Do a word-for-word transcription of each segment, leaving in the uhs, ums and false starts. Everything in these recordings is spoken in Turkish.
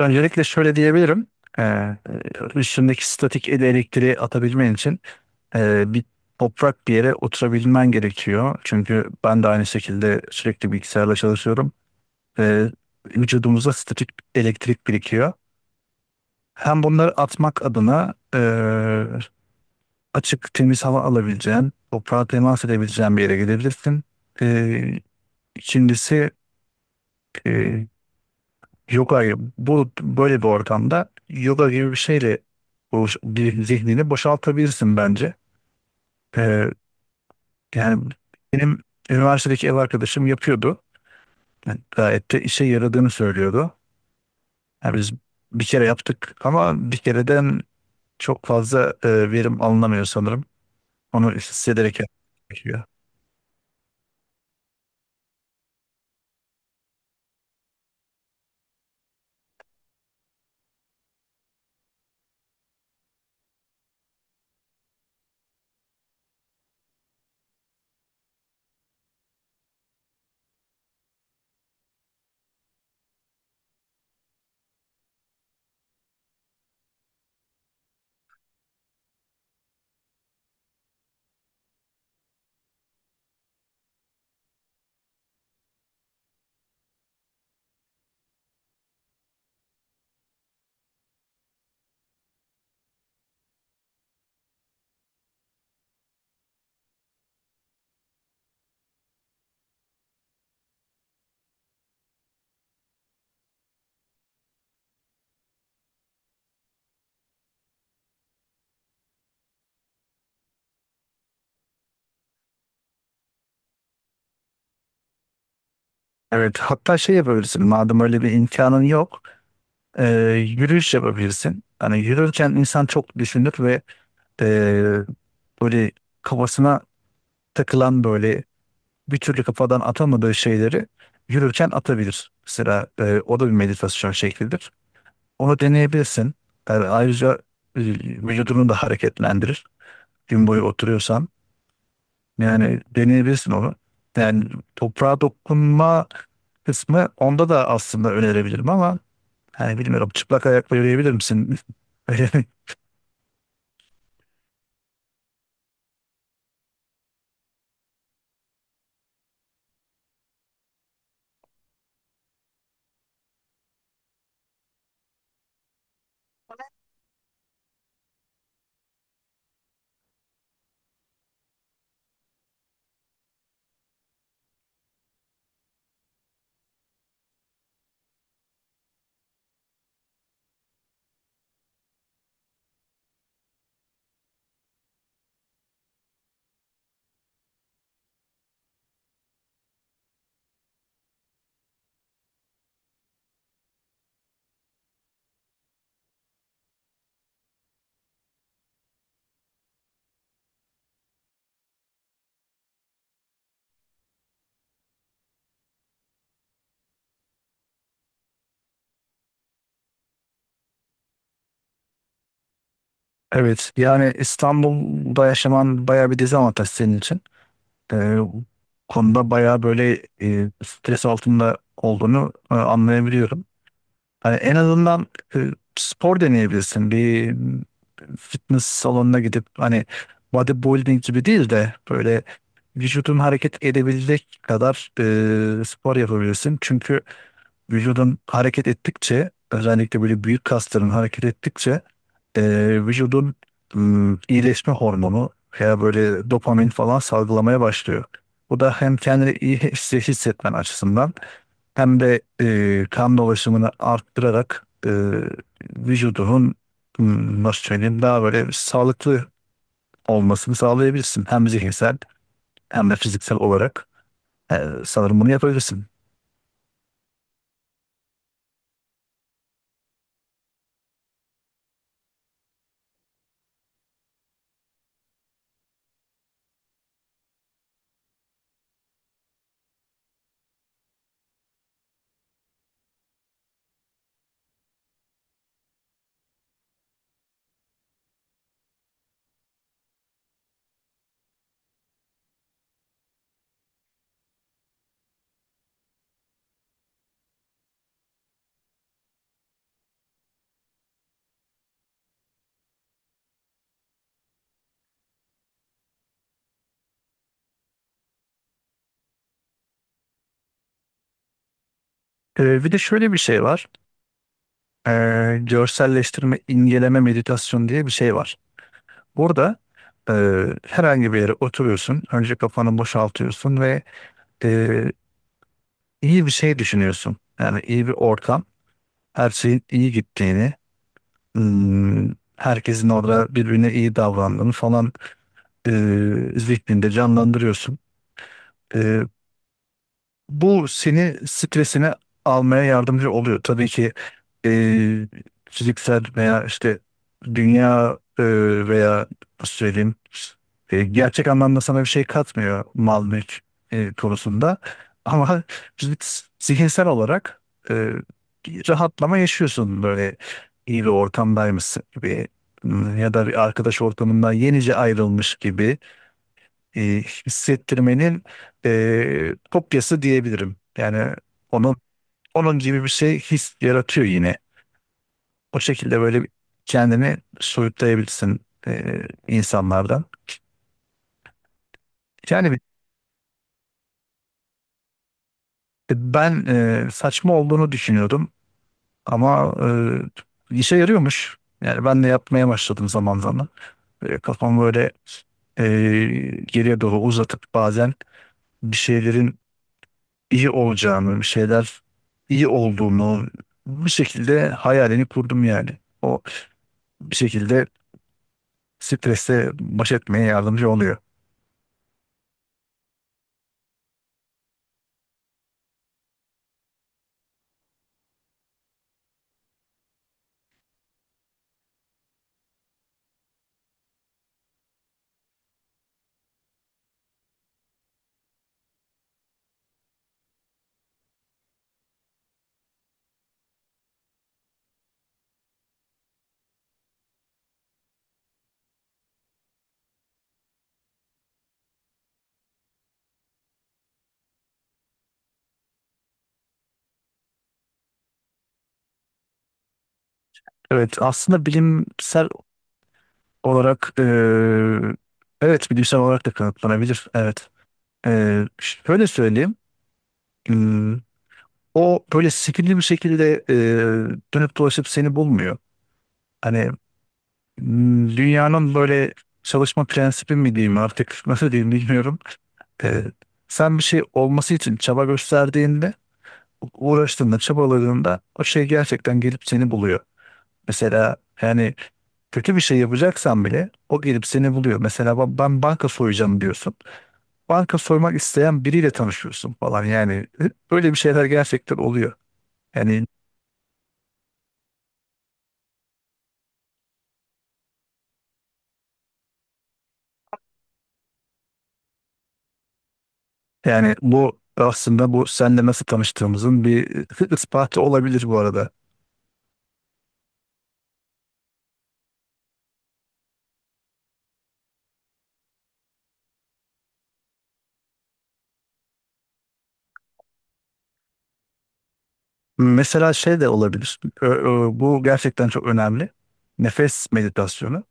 Öncelikle şöyle diyebilirim. Ee, ışındaki statik el elektriği atabilmen için e, bir toprak bir yere oturabilmen gerekiyor. Çünkü ben de aynı şekilde sürekli bilgisayarla çalışıyorum. ve vücudumuzda statik elektrik birikiyor. Hem bunları atmak adına e, açık temiz hava alabileceğin, toprağa temas edebileceğin bir yere gidebilirsin. E, ikincisi e, yoga bu böyle bir ortamda yoga gibi bir şeyle bu bir zihnini boşaltabilirsin bence. Ee, yani benim üniversitedeki ev arkadaşım yapıyordu. Yani gayet de işe yaradığını söylüyordu. Yani biz bir kere yaptık ama bir kereden çok fazla e, verim alınamıyor sanırım. Onu hissederek yapmak gerekiyor. Evet, hatta şey yapabilirsin. Madem öyle bir imkanın yok, e, yürüyüş yapabilirsin. Hani yürürken insan çok düşünür ve e, böyle kafasına takılan böyle bir türlü kafadan atamadığı şeyleri yürürken atabilir. Mesela e, o da bir meditasyon şeklidir. Onu deneyebilirsin. Yani ayrıca e, vücudunu da hareketlendirir. Gün boyu oturuyorsan yani deneyebilirsin onu. Yani toprağa dokunma kısmı onda da aslında önerebilirim ama hani bilmiyorum, çıplak ayakla yürüyebilir misin? Evet, yani İstanbul'da yaşaman bayağı bir dezavantaj senin için. Ee, bu konuda bayağı böyle e, stres altında olduğunu e, anlayabiliyorum. Hani en azından e, spor deneyebilirsin. Bir fitness salonuna gidip hani bodybuilding gibi değil de böyle vücudun hareket edebilecek kadar e, spor yapabilirsin. Çünkü vücudun hareket ettikçe, özellikle böyle büyük kasların hareket ettikçe, e, vücudun ım, iyileşme hormonu veya böyle dopamin falan salgılamaya başlıyor. Bu da hem kendini iyi hisse- hissetmen açısından hem de e, kan dolaşımını arttırarak e, vücudunun ım, nasıl söyleyeyim, daha böyle sağlıklı olmasını sağlayabilirsin. Hem zihinsel hem de fiziksel olarak. E, sanırım bunu yapabilirsin. E, bir de şöyle bir şey var. e, Görselleştirme, inceleme meditasyon diye bir şey var. Burada e, herhangi bir yere oturuyorsun, önce kafanı boşaltıyorsun ve e, iyi bir şey düşünüyorsun. Yani iyi bir ortam, her şeyin iyi gittiğini, hmm, herkesin orada birbirine iyi davrandığını falan e, zihninde canlandırıyorsun. E, Bu seni stresine almaya yardımcı oluyor. Tabii ki e, fiziksel veya işte dünya e, veya nasıl söyleyeyim, e, gerçek anlamda sana bir şey katmıyor mal mülk e, konusunda. Ama zih- zihinsel olarak e, bir rahatlama yaşıyorsun, böyle iyi bir ortamdaymışsın gibi ya da bir arkadaş ortamından yenice ayrılmış gibi e, hissettirmenin e, kopyası diyebilirim. Yani onun onun gibi bir şey his yaratıyor yine. O şekilde böyle bir kendini soyutlayabilirsin e, insanlardan. Yani e, ben e, saçma olduğunu düşünüyordum ama e, işe yarıyormuş. Yani ben de yapmaya başladım zaman zaman. Böyle kafamı böyle e, geriye doğru uzatıp bazen bir şeylerin iyi olacağını, bir şeyler iyi olduğunu bir şekilde hayalini kurdum yani. O bir şekilde stresle baş etmeye yardımcı oluyor. Evet, aslında bilimsel olarak eee, evet, bilimsel olarak da kanıtlanabilir. Evet. Eee, şöyle söyleyeyim. Hmm, O böyle sihirli bir şekilde eee, dönüp dolaşıp seni bulmuyor. Hani hmm, dünyanın böyle çalışma prensibi mi diyeyim artık, nasıl diyeyim bilmiyorum. Eee, sen bir şey olması için çaba gösterdiğinde, uğraştığında, çabaladığında o şey gerçekten gelip seni buluyor. Mesela yani kötü bir şey yapacaksan bile o gelip seni buluyor. Mesela ben ben banka soyacağım diyorsun. Banka soymak isteyen biriyle tanışıyorsun falan, yani böyle bir şeyler gerçekten oluyor. Yani yani bu aslında bu senle nasıl tanıştığımızın bir ispatı olabilir bu arada. Mesela şey de olabilir. Ö- ö, Bu gerçekten çok önemli. Nefes meditasyonu.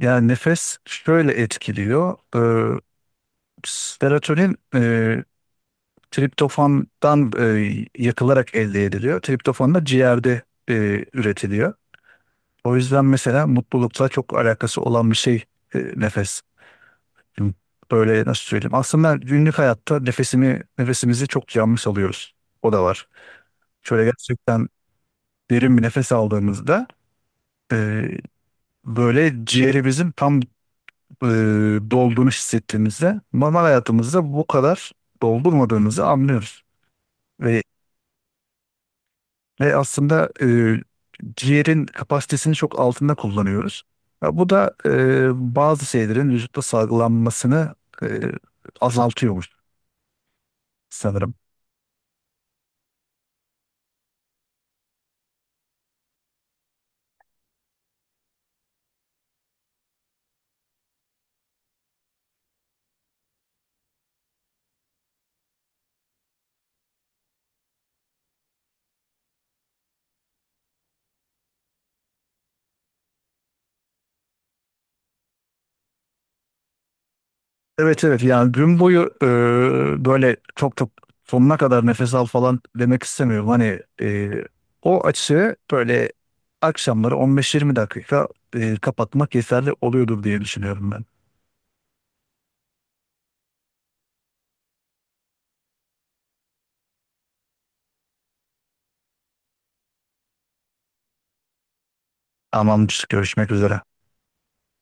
Yani nefes şöyle etkiliyor. Serotonin e, triptofandan e, yakılarak elde ediliyor. Triptofan da ciğerde e, üretiliyor. O yüzden mesela mutlulukla çok alakası olan bir şey e, nefes. Şimdi, Böyle nasıl söyleyeyim? Aslında günlük hayatta nefesimi nefesimizi çok yanlış alıyoruz. O da var. Şöyle gerçekten derin bir nefes aldığımızda, e, böyle ciğerimizin tam e, dolduğunu hissettiğimizde, normal hayatımızda bu kadar doldurmadığımızı anlıyoruz ve Ve aslında e, ciğerin kapasitesini çok altında kullanıyoruz. Ya bu da e, bazı şeylerin vücutta salgılanmasını e, azaltıyormuş sanırım. Evet, evet, yani gün boyu e, böyle çok çok sonuna kadar nefes al falan demek istemiyorum. Hani e, o açığı böyle akşamları on beş yirmi dakika e, kapatmak yeterli oluyordur diye düşünüyorum ben. Tamamdır. Görüşmek üzere.